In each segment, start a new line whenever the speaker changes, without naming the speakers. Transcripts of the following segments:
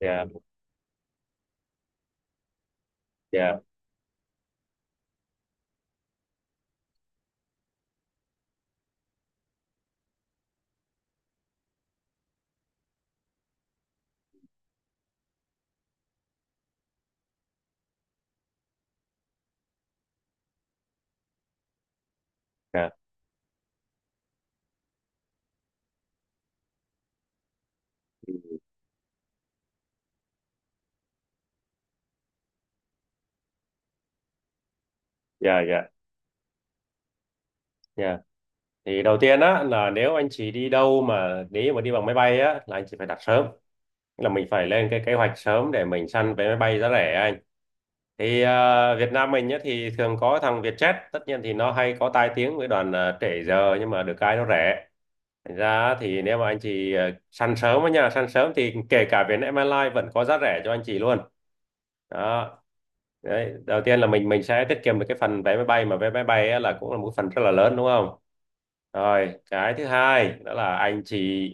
Dạ, dạ, dạ, dạ, dạ, dạ. Thì đầu tiên á, là nếu anh chị đi đâu mà nếu mà đi bằng máy bay á, là anh chị phải đặt sớm. Tức là mình phải lên cái kế hoạch sớm để mình săn vé máy bay giá rẻ anh. Thì Việt Nam mình nhá, thì thường có thằng Vietjet, tất nhiên thì nó hay có tai tiếng với đoàn trễ giờ, nhưng mà được cái nó rẻ. Thành ra thì nếu mà anh chị săn sớm á nha, săn sớm thì kể cả Vietnam Airlines vẫn có giá rẻ cho anh chị luôn đó. Đấy, đầu tiên là mình sẽ tiết kiệm được cái phần vé máy bay, mà vé máy bay á là cũng là một phần rất là lớn đúng không. Rồi cái thứ hai đó là anh chị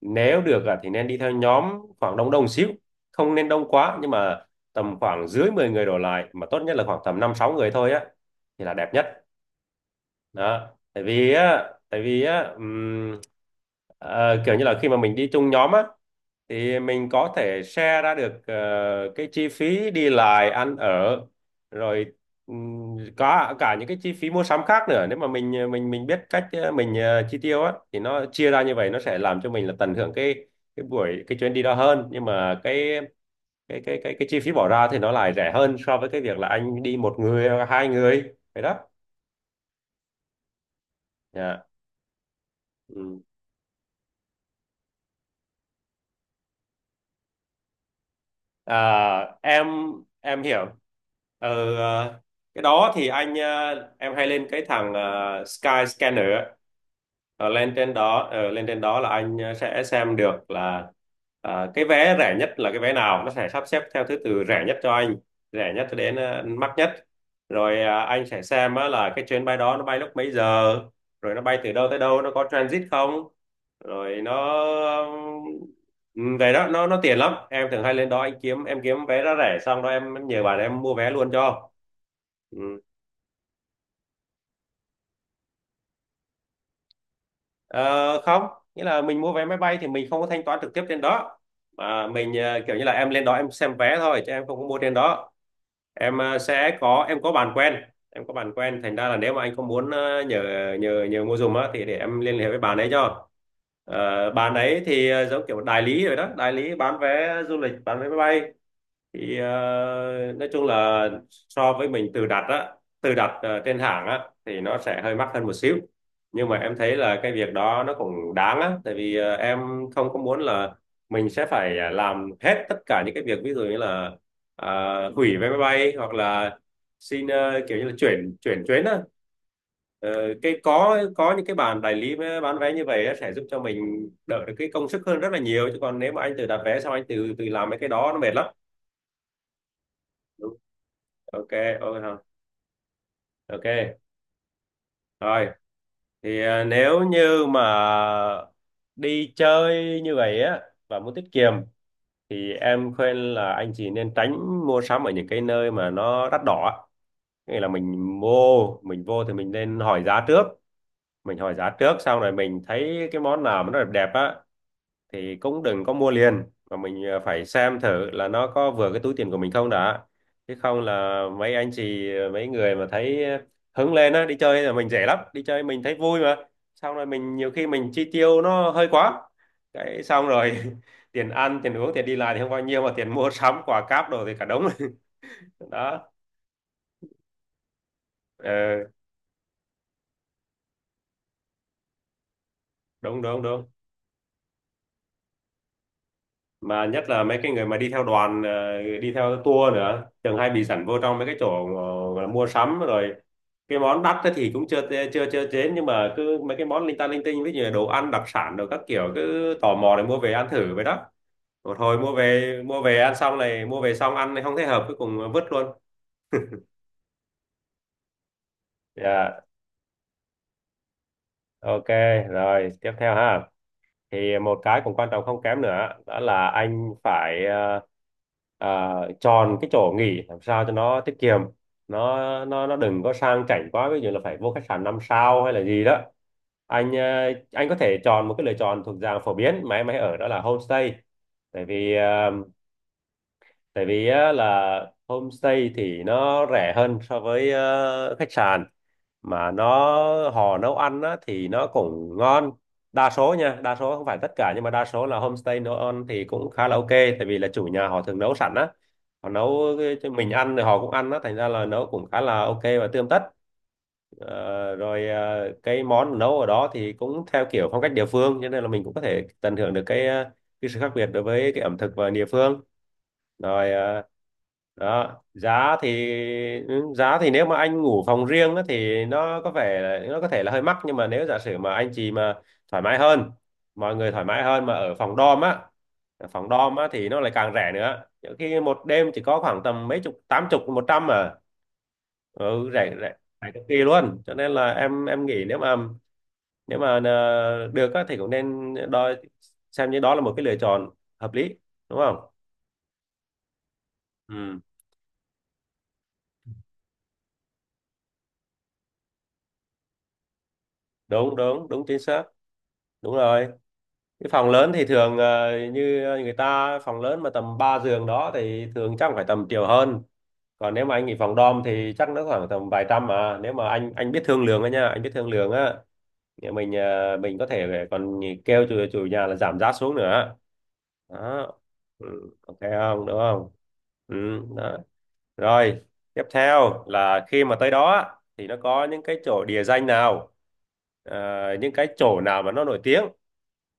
nếu được thì nên đi theo nhóm, khoảng đông đông xíu, không nên đông quá, nhưng mà tầm khoảng dưới 10 người đổ lại, mà tốt nhất là khoảng tầm 5 6 người thôi á, thì là đẹp nhất. Đó. Tại vì á kiểu như là khi mà mình đi chung nhóm á, thì mình có thể share ra được cái chi phí đi lại ăn ở, rồi có cả những cái chi phí mua sắm khác nữa. Nếu mà mình mình biết cách mình chi tiêu á, thì nó chia ra như vậy, nó sẽ làm cho mình là tận hưởng cái chuyến đi đó hơn, nhưng mà cái chi phí bỏ ra thì nó lại rẻ hơn so với cái việc là anh đi một người hoặc hai người, vậy đó. Dạ. Ừ. à, em em hiểu. ờ, ờ, cái đó thì em hay lên cái thằng Sky Scanner. Lên trên đó là anh sẽ xem được là cái vé rẻ nhất là cái vé nào, nó sẽ sắp xếp theo thứ tự rẻ nhất cho anh, rẻ nhất cho đến mắc nhất. Rồi anh sẽ xem á, là cái chuyến bay đó nó bay lúc mấy giờ, rồi nó bay từ đâu tới đâu, nó có transit không, rồi về đó nó tiện lắm. Em thường hay lên đó anh kiếm em kiếm vé giá rẻ, xong đó em nhờ bạn em mua vé luôn cho. Ừ. Ờ, Không, nghĩa là mình mua vé máy bay thì mình không có thanh toán trực tiếp trên đó, mà mình kiểu như là em lên đó em xem vé thôi, chứ em không có mua trên đó. Em ờ, sẽ có Em có bạn quen. Em có bạn quen, thành ra là nếu mà anh không muốn nhờ nhờ nhờ mua giùm á, thì để em liên hệ với bạn ấy cho. Bạn ấy thì giống kiểu đại lý rồi đó, đại lý bán vé du lịch, bán vé máy bay. Thì nói chung là so với mình tự đặt á, tự đặt trên hàng á, thì nó sẽ hơi mắc hơn một xíu, nhưng mà em thấy là cái việc đó nó cũng đáng á. Tại vì em không có muốn là mình sẽ phải làm hết tất cả những cái việc, ví dụ như là ờ, hủy vé máy bay, hoặc là xin kiểu như là chuyển chuyển chuyến á. Ờ, cái có những cái bàn bán vé như vậy á, sẽ giúp cho mình đỡ được cái công sức hơn rất là nhiều. Chứ còn nếu mà anh tự đặt vé xong anh tự tự làm mấy cái đó, nó mệt lắm. Ok. Ok hả? Ok. Rồi, thì nếu như mà đi chơi như vậy á, và muốn tiết kiệm, thì em khuyên là anh chị nên tránh mua sắm ở những cái nơi mà nó đắt đỏ á. Nghĩa là mình vô thì mình nên hỏi giá trước. Mình hỏi giá trước xong rồi mình thấy cái món nào mà nó đẹp đẹp á, thì cũng đừng có mua liền, mà mình phải xem thử là nó có vừa cái túi tiền của mình không đã. Chứ không là mấy anh chị ờ, mấy người mà thấy hứng lên á, đi chơi là mình rẻ lắm, đi chơi mình thấy vui mà, xong rồi mình nhiều khi mình chi tiêu nó hơi quá, cái xong rồi tiền ăn tiền uống tiền đi lại thì không bao nhiêu, mà tiền mua sắm quà cáp đồ thì cả đống. Đó. Ừ, đúng đúng đúng. Mà nhất là mấy cái người mà đi theo tour nữa, thường hay bị dẫn vô trong mấy cái chỗ gọi là mua sắm rồi. Cái món đắt ấy thì cũng chưa chưa chưa chế, nhưng mà cứ mấy cái món linh ta linh tinh, ví dụ như đồ ăn đặc sản rồi các kiểu, cứ tò mò để mua về ăn thử vậy đó. Rồi thôi, mua về ăn xong này, mua về xong ăn này, không thấy hợp, cuối cùng vứt luôn. Dạ. Ok. Rồi tiếp theo ha, thì một cái cũng quan trọng không kém nữa đó là anh phải chọn cái chỗ nghỉ làm sao cho nó tiết kiệm. Nó nó đừng có sang chảnh quá, ví dụ là phải vô khách sạn năm sao hay là gì đó. Anh có thể chọn một cái lựa chọn thuộc dạng phổ biến mà em hay ở, đó là homestay. tại vì ờ, Tại vì á, là homestay thì nó rẻ hơn so với khách sạn. Mà họ nấu ăn á, thì nó cũng ngon. Đa số nha, đa số không phải tất cả, nhưng mà đa số là homestay nấu ăn thì cũng khá là ok. Tại vì là chủ nhà họ thường nấu sẵn á, họ nấu cho mình ăn rồi họ cũng ăn á, thành ra là nấu cũng khá là ok và tươm tất. Rồi cái món nấu ở đó thì cũng theo kiểu phong cách địa phương, cho nên là mình cũng có thể tận hưởng được cái sự khác biệt đối với cái ẩm thực và địa phương. Rồi đó, giá thì, ừ, giá thì nếu mà anh ngủ phòng riêng á, thì nó có vẻ là, nó có thể là hơi mắc. Nhưng mà nếu giả sử mà anh chị mà thoải mái hơn mọi người thoải mái hơn mà ở phòng dorm á thì nó lại càng rẻ nữa, nhiều khi một đêm chỉ có khoảng tầm mấy chục, tám chục, một trăm à. Ừ, rẻ rẻ. Rẻ cực kỳ luôn, cho nên là em nghĩ nếu mà nếu mà được á, thì cũng nên đo xem như đó là một cái lựa chọn hợp lý, đúng không. Ừ, đúng đúng đúng, chính xác, đúng rồi. Cái phòng lớn thì thường như người ta, phòng lớn mà tầm 3 giường đó thì thường chắc phải tầm triệu hơn. Còn nếu mà anh nghỉ phòng dorm thì chắc nó khoảng tầm vài trăm. Mà nếu mà anh biết thương lượng á nha, anh biết thương lượng á, thì mình mình có thể còn kêu chủ nhà là giảm giá xuống nữa, đó. Ừ, ok không, đúng không. Ừ, đó. Rồi tiếp theo là khi mà tới đó á, thì nó có những cái chỗ địa danh nào, ờ, những cái chỗ nào mà nó nổi tiếng,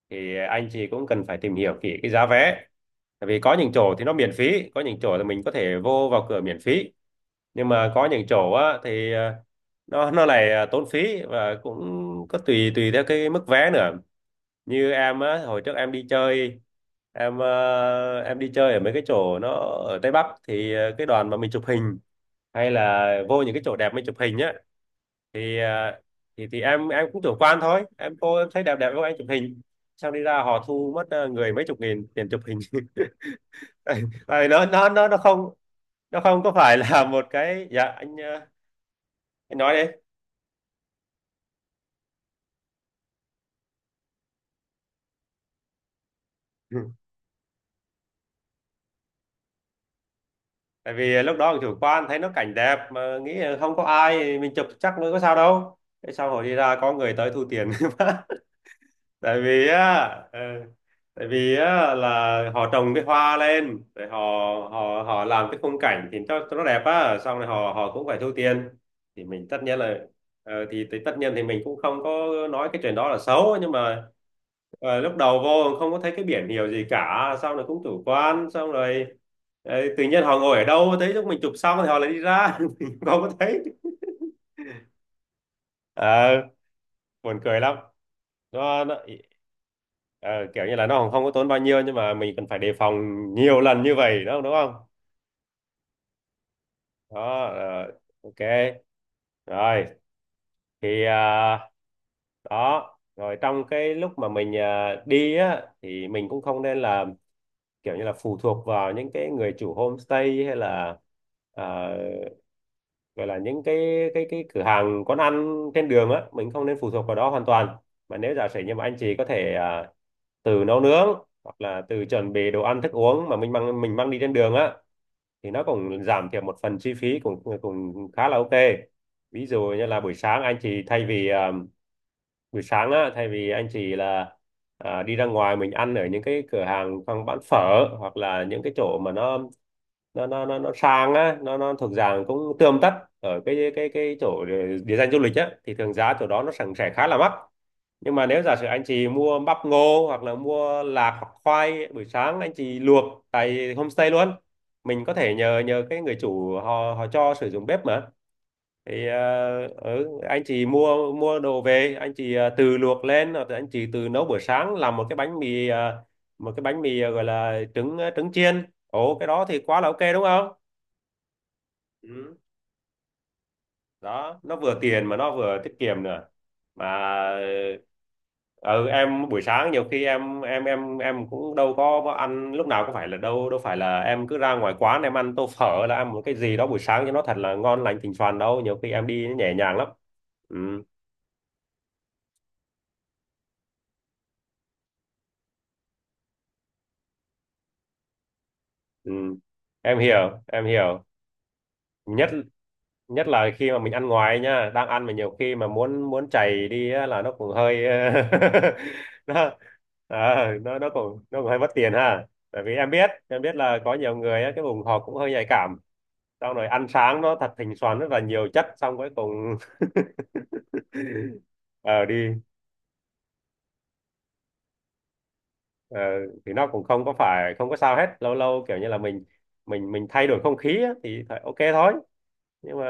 thì anh chị cũng cần phải tìm hiểu kỹ cái giá vé. Tại vì có những chỗ thì nó miễn phí, có những chỗ là mình có thể vào cửa miễn phí, nhưng mà có những chỗ á, thì nó lại tốn phí, và cũng có tùy tùy theo cái mức vé nữa. Như em á, hồi trước em đi chơi, ở mấy cái chỗ nó ở Tây Bắc, thì cái đoàn mà mình chụp hình, hay là vô những cái chỗ đẹp mình chụp hình á, thì à, thì thì em cũng chủ quan thôi, em cô em thấy đẹp đẹp với anh chụp hình, xong đi ra họ thu mất người mấy chục nghìn tiền chụp hình. tại tại vì nó không có phải là một cái, dạ anh à, anh nói đi. Ừ. Tại vì lúc đó chủ quan thấy nó cảnh đẹp mà nghĩ là không có ai mình chụp chắc mới có sao đâu. Thế sau hồi đi ra có người tới thu tiền. Tại vì á, ờ, tại vì á là họ trồng cái hoa lên rồi họ họ họ làm cái khung cảnh thì cho nó đẹp á, xong rồi họ họ cũng phải thu tiền. Thì mình tất nhiên là thì tất nhiên thì mình cũng không có nói cái chuyện đó là xấu, nhưng mà lúc đầu vô không có thấy cái biển hiệu gì cả, xong rồi cũng chủ quan xong rồi tự nhiên họ ngồi ở đâu thấy lúc mình chụp xong thì họ lại đi ra. Mình không có thấy. Ờ, buồn cười lắm. nó, nó ờ, Kiểu như là nó còn không có tốn bao nhiêu nhưng mà mình cần phải đề phòng nhiều lần như vậy, đúng không, đúng không? Đó, ok. Rồi thì đó, rồi trong cái lúc mà mình đi á thì mình cũng không nên là kiểu như là phụ thuộc vào những cái người chủ homestay, hay là à, gọi là những cái cửa hàng quán ăn trên đường á, mình không nên phụ thuộc vào đó hoàn toàn, mà nếu giả sử như mà anh chị có thể từ nấu nướng hoặc là từ chuẩn bị đồ ăn thức uống mà mình mang đi trên đường á, thì nó cũng giảm thiểu một phần chi phí, cũng cũng khá là ok. Ví dụ như là buổi sáng anh chị thay vì buổi sáng á thay vì anh chị là đi ra ngoài mình ăn ở những cái cửa hàng hoặc bán phở, hoặc là những cái chỗ mà nó sang á, nó thuộc dạng cũng tươm tất. Ở cái chỗ địa danh du lịch á thì thường giá chỗ đó nó sẽ khá là mắc, nhưng mà nếu giả sử anh chị mua bắp ngô hoặc là mua lạc hoặc khoai, buổi sáng anh chị luộc tại homestay luôn. Mình có thể nhờ nhờ cái người chủ, họ họ cho sử dụng bếp mà. Thì ừ, anh chị mua mua đồ về, anh chị tự luộc lên, hoặc là anh chị tự nấu buổi sáng, làm một cái bánh mì gọi là trứng, trứng chiên, ồ cái đó thì quá là ok đúng không. Ừ. Đó, nó vừa tiền mà nó vừa tiết kiệm nữa, mà ừ, em buổi sáng nhiều khi em cũng đâu có ăn lúc nào, có phải là đâu đâu phải là em cứ ra ngoài quán em ăn tô phở, là ăn một cái gì đó buổi sáng cho nó thật là ngon lành thịnh soàn đâu, nhiều khi em đi nhẹ nhàng lắm. Ừ, ừ. Em hiểu, em hiểu. Nhất Nhất là khi mà mình ăn ngoài nhá, đang ăn mà nhiều khi mà muốn muốn chảy đi á, là nó cũng hơi nó nó cũng cũng hơi mất tiền ha. Tại vì em biết là có nhiều người á, cái vùng họ cũng hơi nhạy cảm, xong rồi ăn sáng nó thật thỉnh xoắn rất là nhiều chất xong cuối cùng ờ đi. ờ, thì nó cũng không có phải không có sao hết, lâu lâu kiểu như là mình thay đổi không khí á, thì phải ok thôi, nhưng mà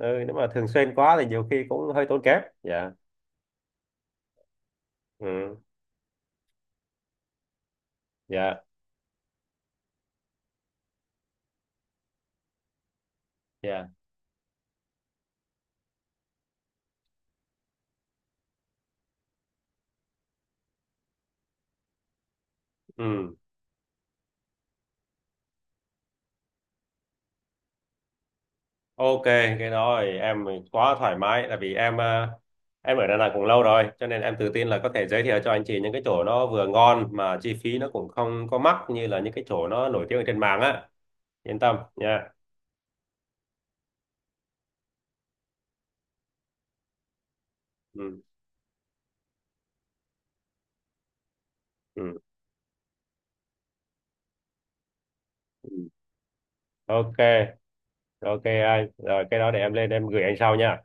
ừ, nếu mà thường xuyên quá thì nhiều khi cũng hơi tốn kém. Dạ, ừ, dạ. Dạ. Ừ. Ok, cái đó thì em quá thoải mái, tại vì em em ở Đà Nẵng cũng lâu rồi cho nên em tự tin là có thể giới thiệu cho anh chị những cái chỗ nó vừa ngon mà chi phí nó cũng không có mắc như là những cái chỗ nó nổi tiếng ở trên mạng á. Yên tâm nha. Ừ. Ừ. Ừ. Ok, ok anh. Rồi cái đó để em lên em gửi anh sau nha.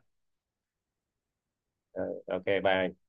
Ờ, ok, bye anh.